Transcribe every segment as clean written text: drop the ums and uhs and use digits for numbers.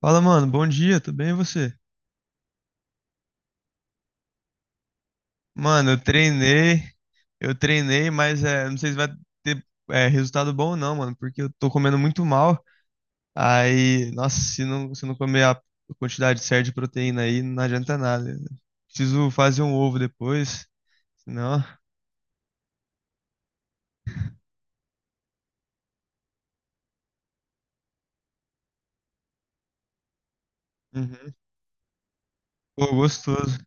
Fala, mano, bom dia, tudo bem e você? Mano, eu treinei, mas não sei se vai ter resultado bom ou não, mano, porque eu tô comendo muito mal. Aí, nossa, se não comer a quantidade certa de proteína aí, não adianta nada, né? Preciso fazer um ovo depois, senão. Uhum. Pô, gostoso.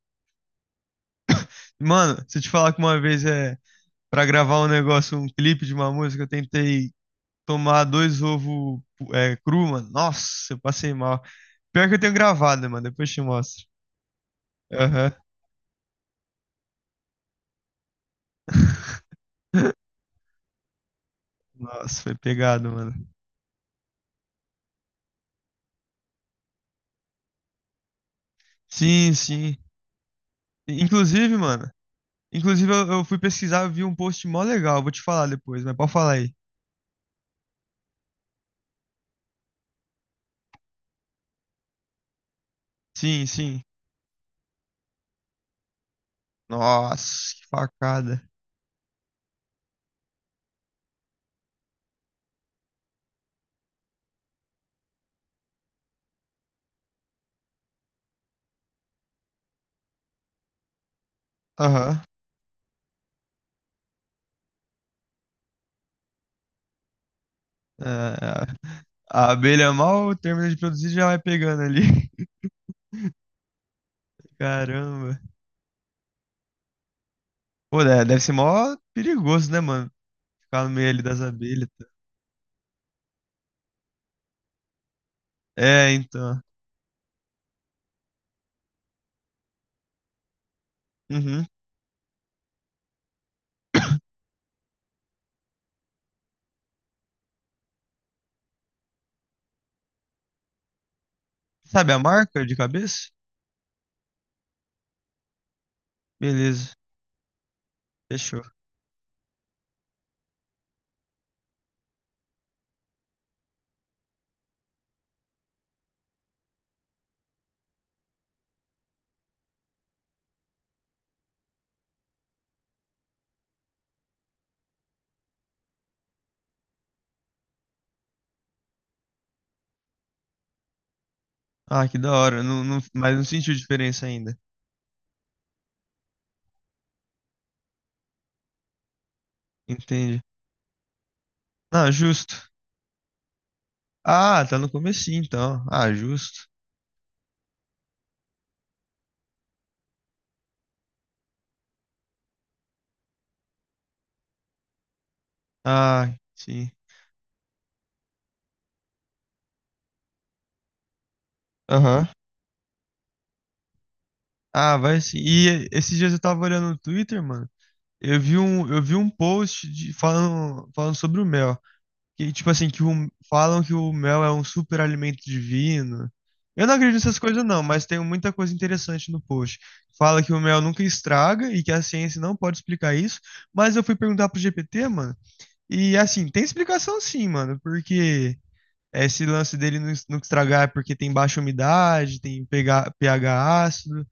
Mano, se eu te falar que uma vez pra gravar um negócio, um clipe de uma música, eu tentei tomar dois ovos cru, mano. Nossa, eu passei mal. Pior que eu tenho gravado, mano. Depois eu te mostro. Aham. Nossa, foi pegado, mano. Sim, sim. Inclusive, mano. Inclusive, eu fui pesquisar, eu vi um post mó legal. Vou te falar depois, mas pode falar aí. Sim, sim. Nossa, que facada. Aham. É, é, a abelha mal termina de produzir e já vai pegando ali. Caramba. Pô, né, deve ser mó perigoso, né, mano? Ficar no meio ali das abelhas. É, então. Uhum. Sabe a marca de cabeça? Beleza, fechou. Ah, que da hora. Não, não, mas não sentiu diferença ainda. Entende? Ah, justo. Ah, tá no comecinho, então. Ah, justo. Ah, sim. Aham. Ah, vai sim. E esses dias eu tava olhando no Twitter, mano. Eu vi um post de, falando, falando sobre o mel. Que, tipo assim, que o- falam que o mel é um super alimento divino. Eu não acredito nessas coisas, não, mas tem muita coisa interessante no post. Fala que o mel nunca estraga e que a ciência não pode explicar isso. Mas eu fui perguntar pro GPT, mano, e assim, tem explicação sim, mano, porque esse lance dele não es- nunca estragar é porque tem baixa umidade, tem pH, pH ácido,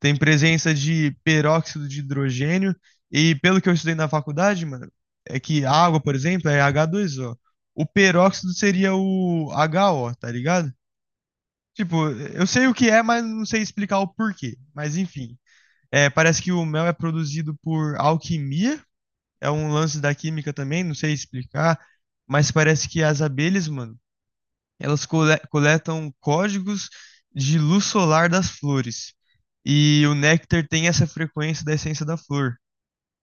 tem presença de peróxido de hidrogênio. E pelo que eu estudei na faculdade, mano, é que a água, por exemplo, é H2O. O peróxido seria o HO, tá ligado? Tipo, eu sei o que é, mas não sei explicar o porquê. Mas enfim, parece que o mel é produzido por alquimia. É um lance da química também, não sei explicar. Mas parece que as abelhas, mano, elas cole- coletam códigos de luz solar das flores. E o néctar tem essa frequência da essência da flor.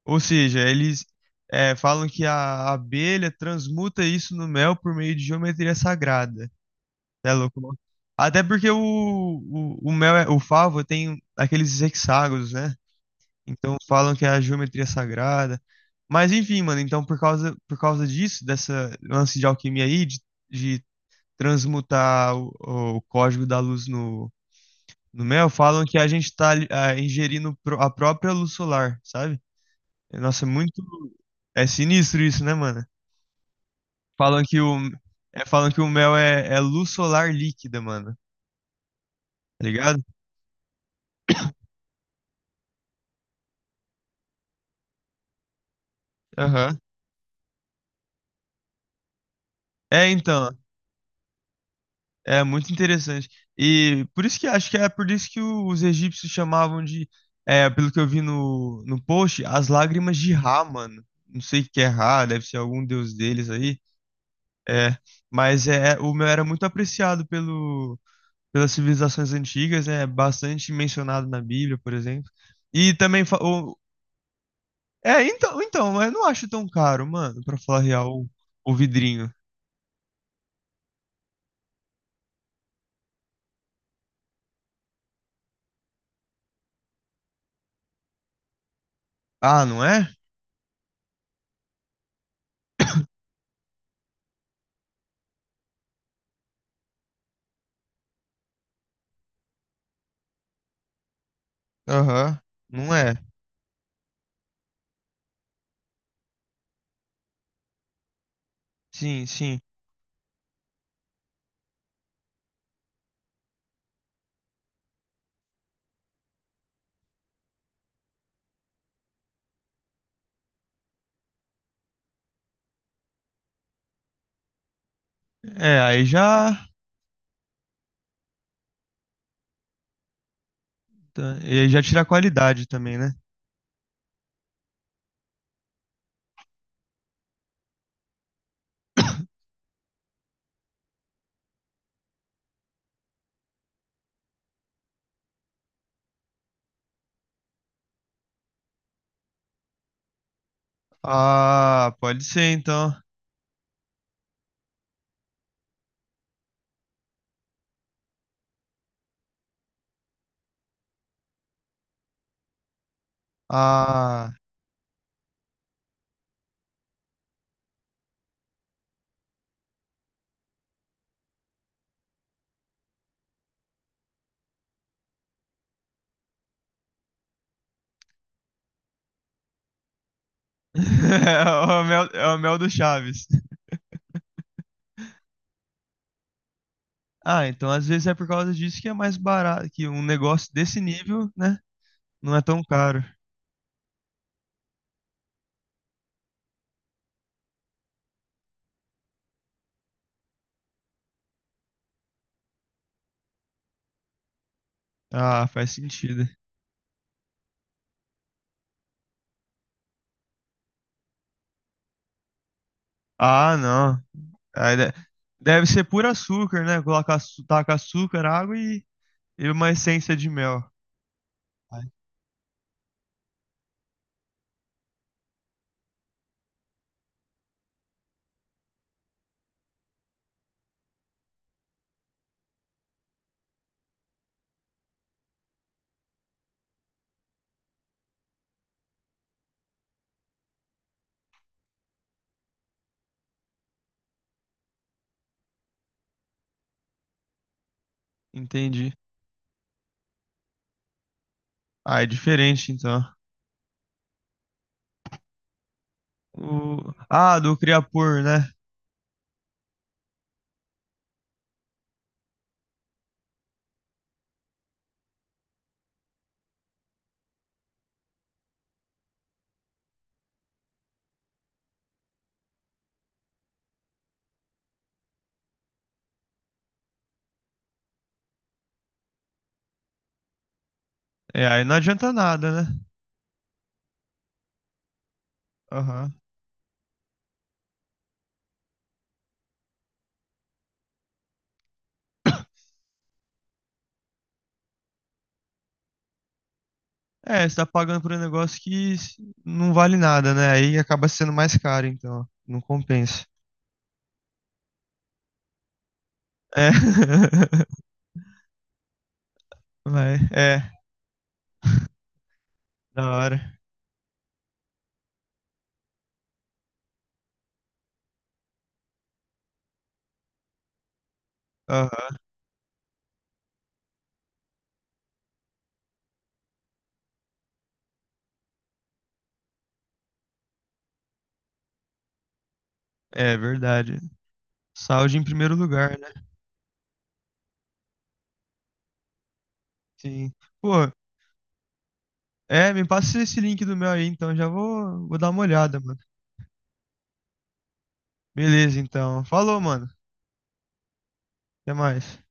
Ou seja, eles falam que a abelha transmuta isso no mel por meio de geometria sagrada. É louco, não? Até porque o mel, é- o favo tem aqueles hexágonos, né? Então falam que é a geometria sagrada. Mas enfim, mano, então por causa disso, dessa lance de alquimia aí, de transmutar o código da luz no mel, falam que a gente está ingerindo pro- a própria luz solar, sabe? Nossa, é muito. É sinistro isso, né, mano? Falam que falam que o mel é, é luz solar líquida, mano. Tá ligado? Aham. É, então. É muito interessante. E por isso que acho que é por isso que o- os egípcios chamavam de. É, pelo que eu vi no, no post, as lágrimas de Ra, mano. Não sei o que é Ra, deve ser algum deus deles aí. É, o meu era muito apreciado pelo, pelas civilizações antigas, é bastante mencionado na Bíblia, por exemplo. E também, fa- o- é, então, então, eu não acho tão caro, mano, pra falar real, o vidrinho. Ah, não é? Aham, não é. Sim, sim. É, aí já, tá, e aí já tira a qualidade também, né? Ah, pode ser então. Ah, é é o mel do Chaves. Ah, então às vezes é por causa disso que é mais barato, que um negócio desse nível, né, não é tão caro. Ah, faz sentido. Ah, não. Aí de- deve ser puro açúcar, né? Colocar, açu- taca açúcar, água e uma essência de mel. Ah, entendi. Ah, é diferente então. O... Ah, do Creapure, né? É, aí não adianta nada, né? Aham. É, você tá pagando por um negócio que s- não vale nada, né? Aí acaba sendo mais caro, então. Não compensa. É. Vai, é, da hora. Aham, é verdade. Saúde em primeiro lugar, né? Sim. Pô, me passa esse link do meu aí, então já vou, vou dar uma olhada, mano. Beleza, então. Falou, mano. Até mais.